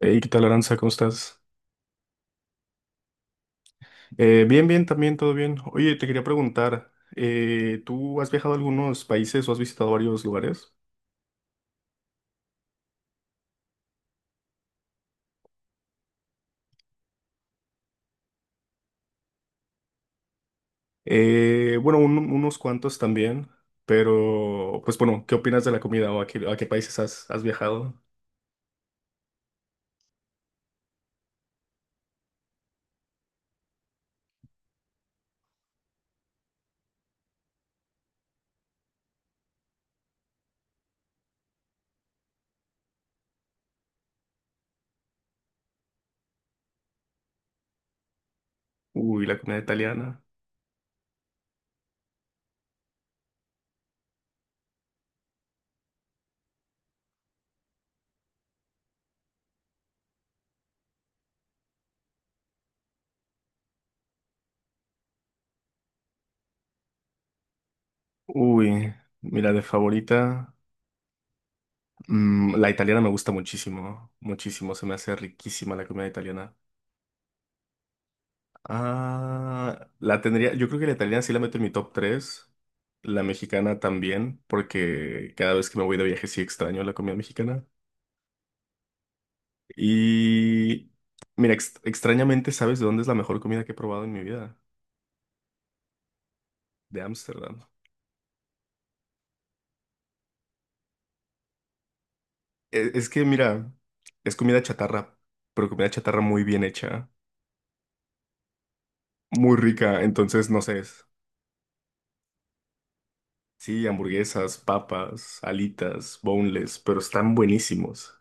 Hey, ¿qué tal, Aranza? ¿Cómo estás? Bien, bien, también, todo bien. Oye, te quería preguntar, ¿tú has viajado a algunos países o has visitado varios lugares? Bueno, unos cuantos también, pero, pues bueno, ¿qué opinas de la comida o a qué países has viajado? Uy, la comida italiana. Uy, mira, de favorita, la italiana me gusta muchísimo, muchísimo, se me hace riquísima la comida italiana. Ah, la tendría, yo creo que la italiana sí la meto en mi top tres, la mexicana también, porque cada vez que me voy de viaje sí extraño la comida mexicana. Y mira, extrañamente, ¿sabes de dónde es la mejor comida que he probado en mi vida? De Ámsterdam. Es, que, mira, es comida chatarra, pero comida chatarra muy bien hecha, muy rica, entonces no sé. Sí, hamburguesas, papas, alitas, boneless, pero están buenísimos.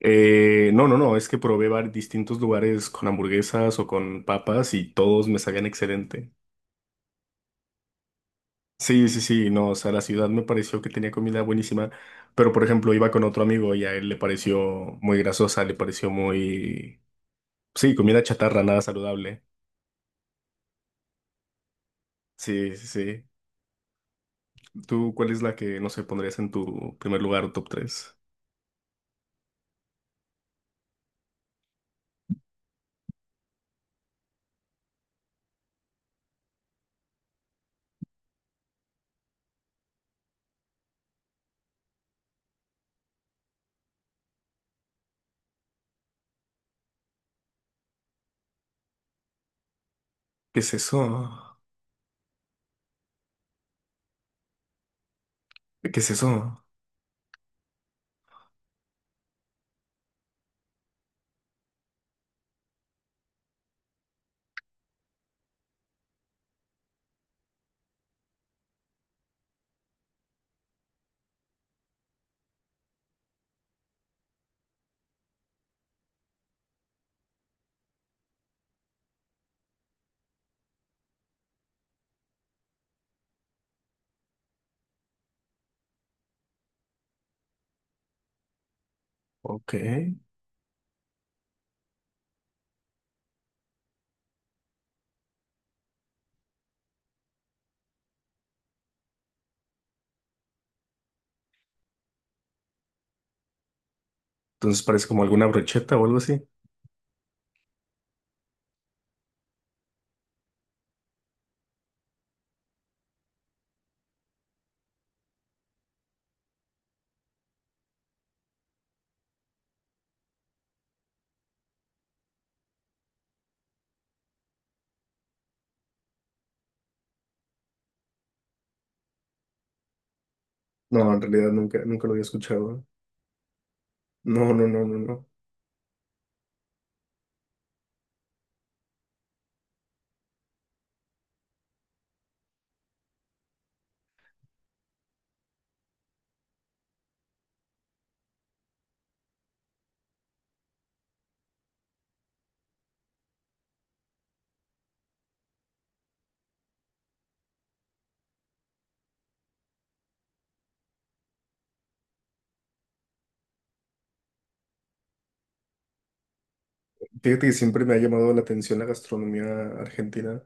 No, es que probé distintos lugares con hamburguesas o con papas y todos me sabían excelente. Sí, sí, sí, no, o sea, la ciudad me pareció que tenía comida buenísima, pero por ejemplo iba con otro amigo y a él le pareció muy grasosa, le pareció muy… Sí, comida chatarra, nada saludable. Sí, sí, sí. ¿Tú cuál es la que, no sé, pondrías en tu primer lugar o top tres? ¿Qué es eso? ¿Qué es eso? Ok. Entonces parece como alguna brocheta o algo así. No, en realidad nunca, nunca lo había escuchado. No, no, no, no, no. Fíjate que siempre me ha llamado la atención la gastronomía argentina.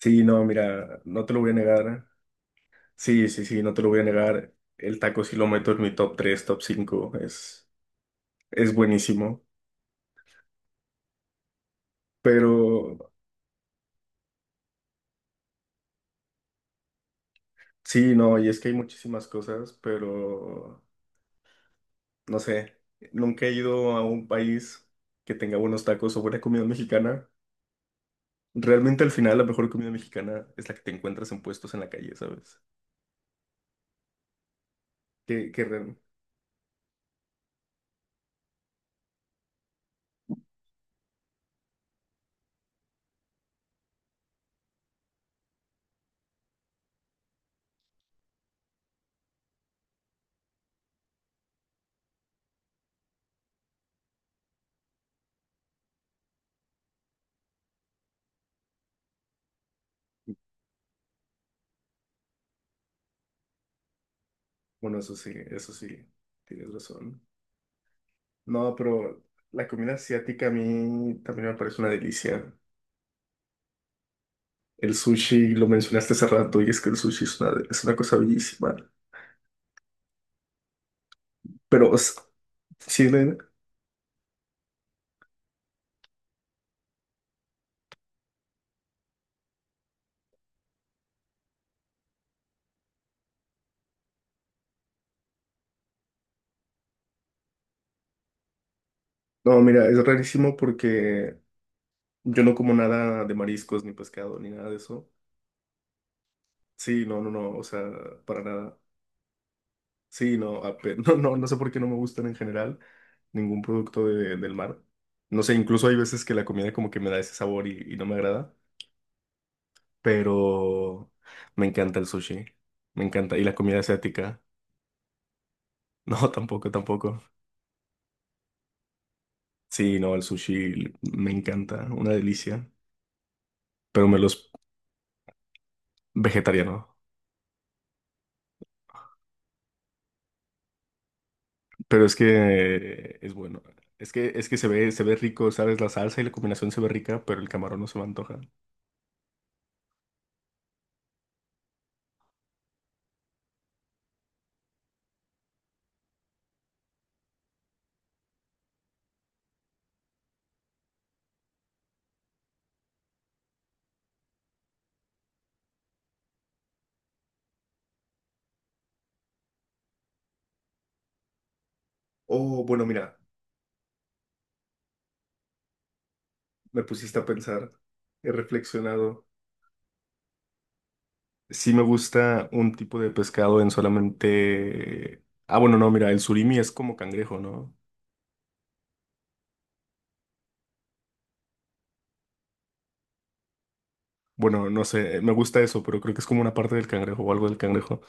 Sí, no, mira, no te lo voy a negar. Sí, sí, sí, no te lo voy a negar. El taco sí lo meto en mi top tres, top cinco. Es buenísimo. Pero sí, no, y es que hay muchísimas cosas, pero no sé. Nunca he ido a un país que tenga buenos tacos o buena comida mexicana. Realmente al final la mejor comida mexicana es la que te encuentras en puestos en la calle, ¿sabes? Que, que re- Bueno, eso sí, tienes razón. No, pero la comida asiática a mí también me parece una delicia. El sushi, lo mencionaste hace rato, y es que el sushi es una cosa bellísima. Pero, o sea, sí, no, mira, es rarísimo porque yo no como nada de mariscos, ni pescado, ni nada de eso. Sí, no, no, no, o sea, para nada. Sí, no, no, no, no sé por qué no me gustan en general ningún producto del mar. No sé, incluso hay veces que la comida como que me da ese sabor y no me agrada. Pero me encanta el sushi. Me encanta. Y la comida asiática. No, tampoco, tampoco. Sí, no, el sushi me encanta, una delicia, pero me los vegetariano. Pero es que es bueno. Es que se ve rico, ¿sabes? La salsa y la combinación se ve rica, pero el camarón no se me antoja. Oh, bueno, mira, me pusiste a pensar. He reflexionado. Sí me gusta un tipo de pescado en solamente… Ah, bueno, no, mira, el surimi es como cangrejo, ¿no? Bueno, no sé, me gusta eso, pero creo que es como una parte del cangrejo o algo del cangrejo.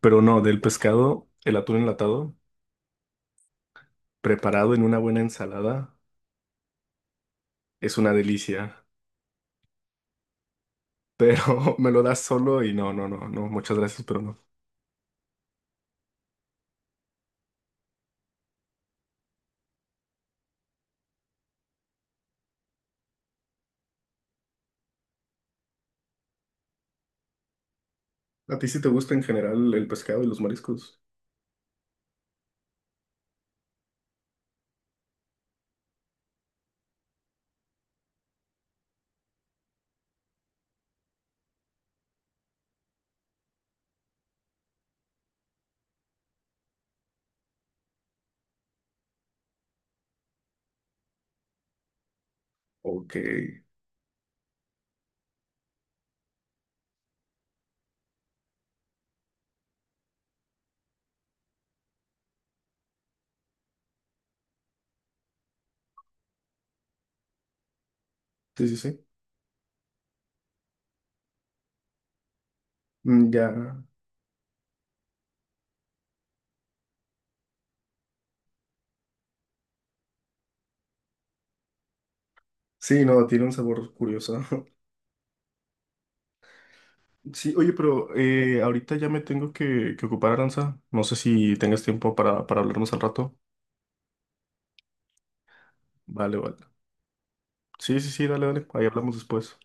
Pero no, del pescado, el atún enlatado, preparado en una buena ensalada, es una delicia. Pero me lo das solo y no, no, no, no, muchas gracias, pero no. ¿A ti sí te gusta en general el pescado y los mariscos? Ok. Sí, sí, sí. Mm, ya. Sí, no, tiene un sabor curioso. Sí, oye, pero ahorita ya me tengo que ocupar, Aranza. No sé si tengas tiempo para hablarnos al rato. Vale, vale. Sí, sí, sí, dale, dale. Ahí hablamos después.